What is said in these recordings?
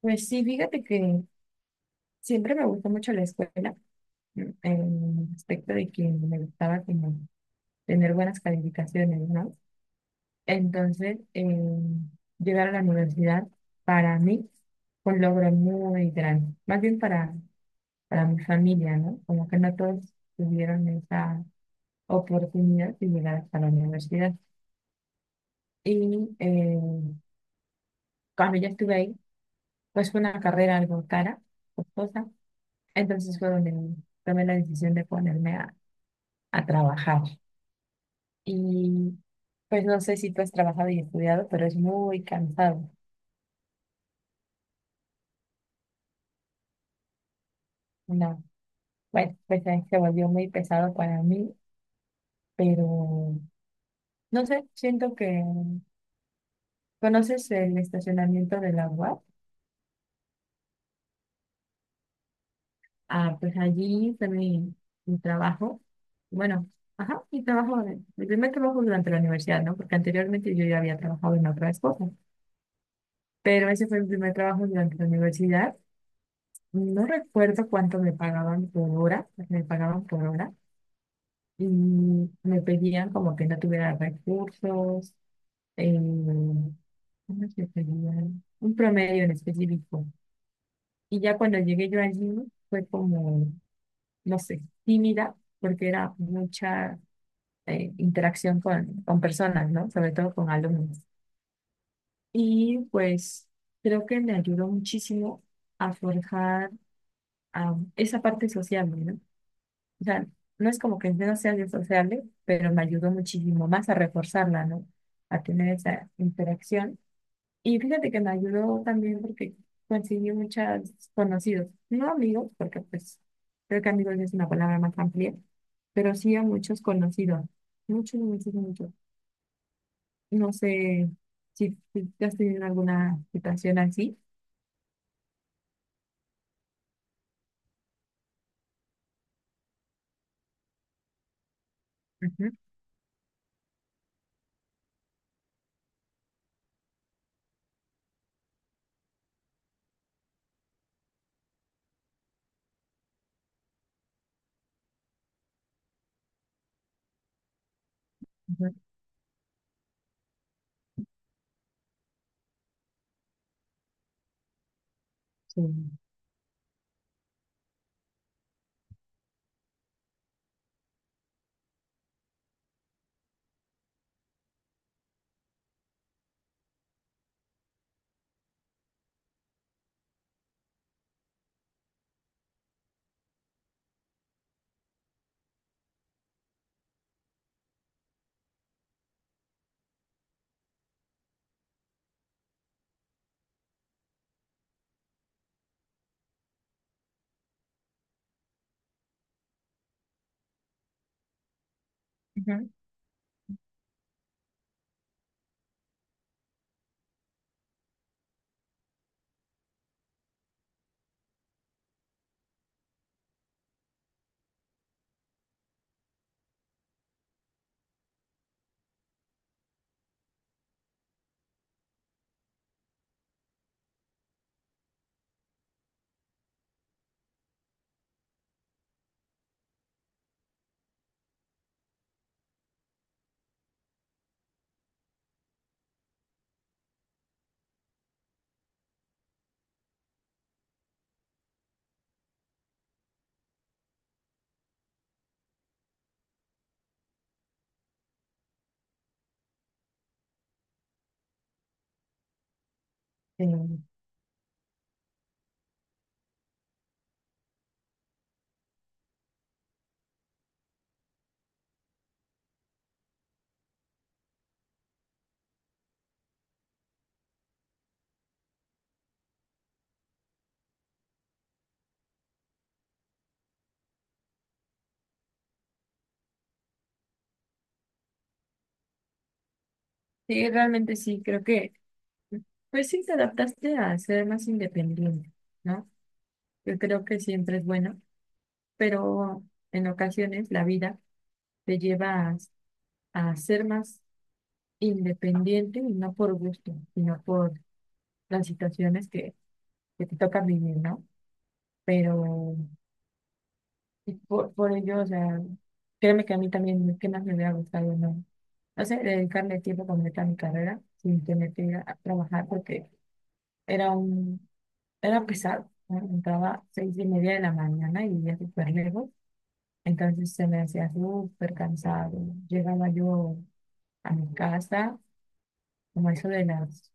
Pues sí, fíjate que siempre me gustó mucho la escuela, en el aspecto de que me gustaba como tener buenas calificaciones, ¿no? Entonces, llegar a la universidad para mí fue un logro muy grande, más bien para mi familia, ¿no? Como que no todos tuvieron esa oportunidad de llegar hasta la universidad. Y cuando ya estuve ahí, pues fue una carrera algo cara, costosa, entonces fue donde tomé la decisión de ponerme a trabajar. Y pues no sé si tú has trabajado y estudiado, pero es muy cansado. No, bueno, pues ahí se volvió muy pesado para mí, pero no sé, siento que conoces el estacionamiento de la UAP. Ah, pues allí fue mi, mi trabajo. Bueno, ajá, mi trabajo, mi primer trabajo durante la universidad, ¿no? Porque anteriormente yo ya había trabajado en otras cosas, pero ese fue mi primer trabajo durante la universidad. No recuerdo cuánto me pagaban por hora, me pagaban por hora y me pedían como que no tuviera recursos, eh, ¿cómo se pedían? Un promedio en específico. Y ya cuando llegué yo allí fue como, no sé, tímida porque era mucha interacción con personas, ¿no? Sobre todo con alumnos. Y pues creo que me ayudó muchísimo a forjar esa parte social, ¿no? O sea, no es como que no sea disociable, pero me ayudó muchísimo más a reforzarla, ¿no? A tener esa interacción. Y fíjate que me ayudó también porque conseguí muchos conocidos, no amigos, porque pues creo que amigos es una palabra más amplia, pero sí a muchos conocidos, muchos, muchos, muchos. No sé si tú has tenido alguna situación así. Ujú, ujú, sí. Ujú. Eh, sí, realmente sí, creo que pues sí, te adaptaste a ser más independiente, ¿no? Yo creo que siempre es bueno, pero en ocasiones la vida te lleva a ser más independiente y no por gusto, sino por las situaciones que te tocan vivir, ¿no? Pero y por ello, o sea, créeme que a mí también, ¿qué más me hubiera gustado, no? No sé, dedicarle tiempo completo a mi carrera sin tener que ir a trabajar porque era un... Era pesado, ¿no? Entraba seis y media de la mañana y vivía súper lejos. Entonces se me hacía súper cansado. Llegaba yo a mi casa como eso de las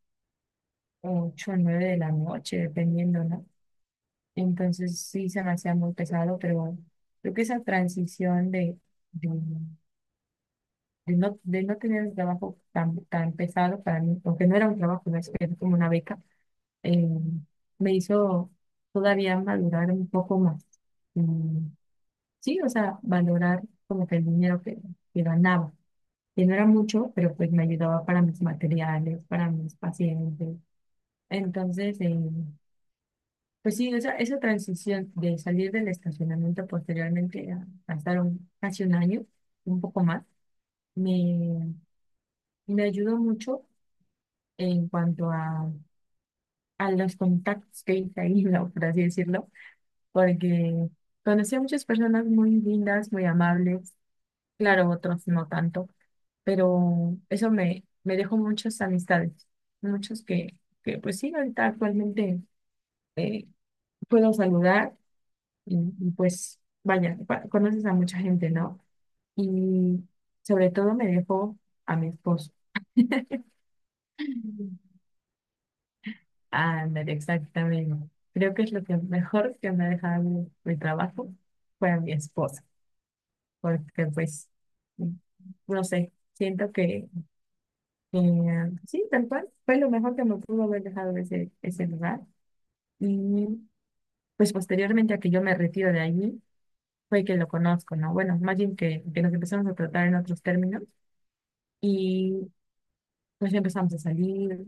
ocho o nueve de la noche, dependiendo, ¿no? Entonces sí se me hacía muy pesado, pero creo que esa transición de, de no tener un trabajo tan, tan pesado para mí, aunque no era un trabajo, no era como una beca, eh, me hizo todavía madurar un poco más. mm, Sí, o sea, valorar como que el dinero que ganaba, que no era mucho, pero pues me ayudaba para mis materiales, para mis pacientes. Entonces, pues sí, esa transición de salir del estacionamiento posteriormente, pasaron casi un año, un poco más, me, me ayudó mucho en cuanto a los contactos que hice ahí, ¿no? Por así decirlo, porque conocí a muchas personas muy lindas, muy amables, claro, otros no tanto, pero eso me, me dejó muchas amistades, muchos que pues sí, ahorita actualmente eh, puedo saludar y, pues vaya, conoces a mucha gente, ¿no? Y sobre todo me dejó a mi esposo. Ándale, exactamente. Creo que es lo que mejor que me ha dejado mi, mi trabajo fue a mi esposa, porque pues, no sé, siento que, sí, tal cual, fue lo mejor que me pudo haber dejado ese, ese lugar. Y pues posteriormente a que yo me retiro de allí, fue que lo conozco, ¿no? Bueno, más bien que nos empezamos a tratar en otros términos y pues ya empezamos a salir,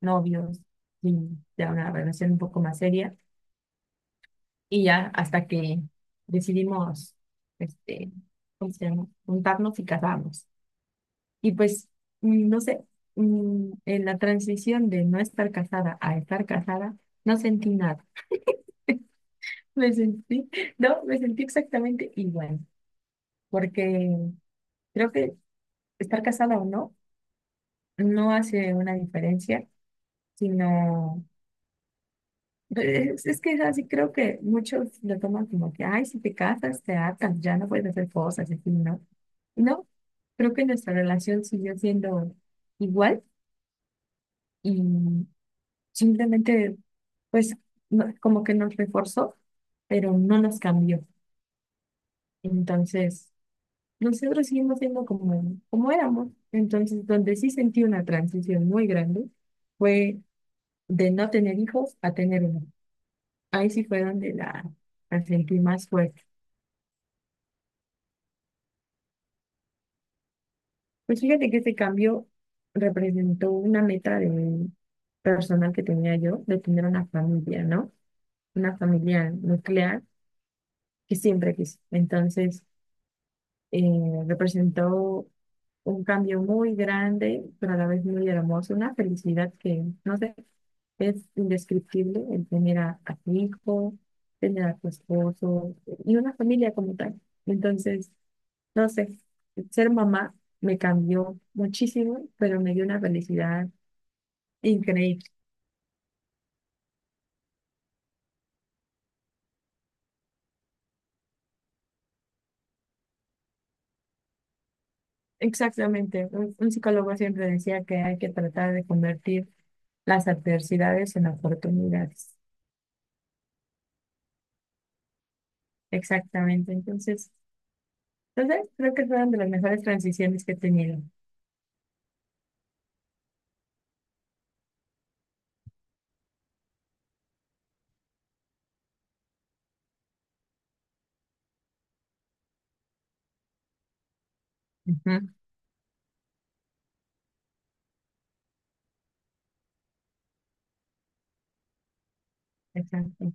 novios, y ya una relación un poco más seria. Y ya hasta que decidimos, este, ¿cómo se llama? Juntarnos y casarnos. Y pues, no sé, en la transición de no estar casada a estar casada, no sentí nada. Me sentí, no, me sentí exactamente igual porque creo que estar casada o no no hace una diferencia, sino es que es así, creo que muchos lo toman como que, ay, si te casas, te atan, ya no puedes hacer cosas, así, ¿no? No, creo que nuestra relación siguió siendo igual y simplemente, pues, como que nos reforzó, pero no nos cambió. Entonces... Nosotros seguimos siendo como, como éramos. Entonces, donde sí sentí una transición muy grande fue de no tener hijos a tener uno. Ahí sí fue donde la sentí más fuerte. Pues fíjate que este cambio representó una meta de personal que tenía yo, de tener una familia, ¿no? Una familia nuclear que siempre quise. Entonces, representó un cambio muy grande, pero a la vez muy hermoso, una felicidad que, no sé, es indescriptible el tener a tu hijo, tener a tu esposo y una familia como tal. Entonces, no sé, ser mamá me cambió muchísimo, pero me dio una felicidad increíble. Exactamente, un psicólogo siempre decía que hay que tratar de convertir las adversidades en oportunidades. Exactamente, entonces... Entonces, creo que fueron de las mejores transiciones que he tenido. Ujú, exacto,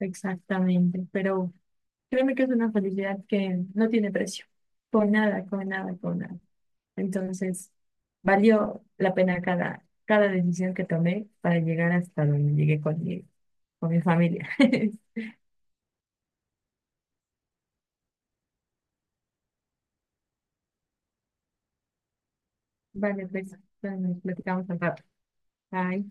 exactamente. Pero créeme que es una felicidad que no tiene precio. Con nada, con nada, con nada. Entonces, valió la pena cada, cada decisión que tomé para llegar hasta donde llegué con mi familia. Vale, pues, bueno, nos platicamos al rato. Bye.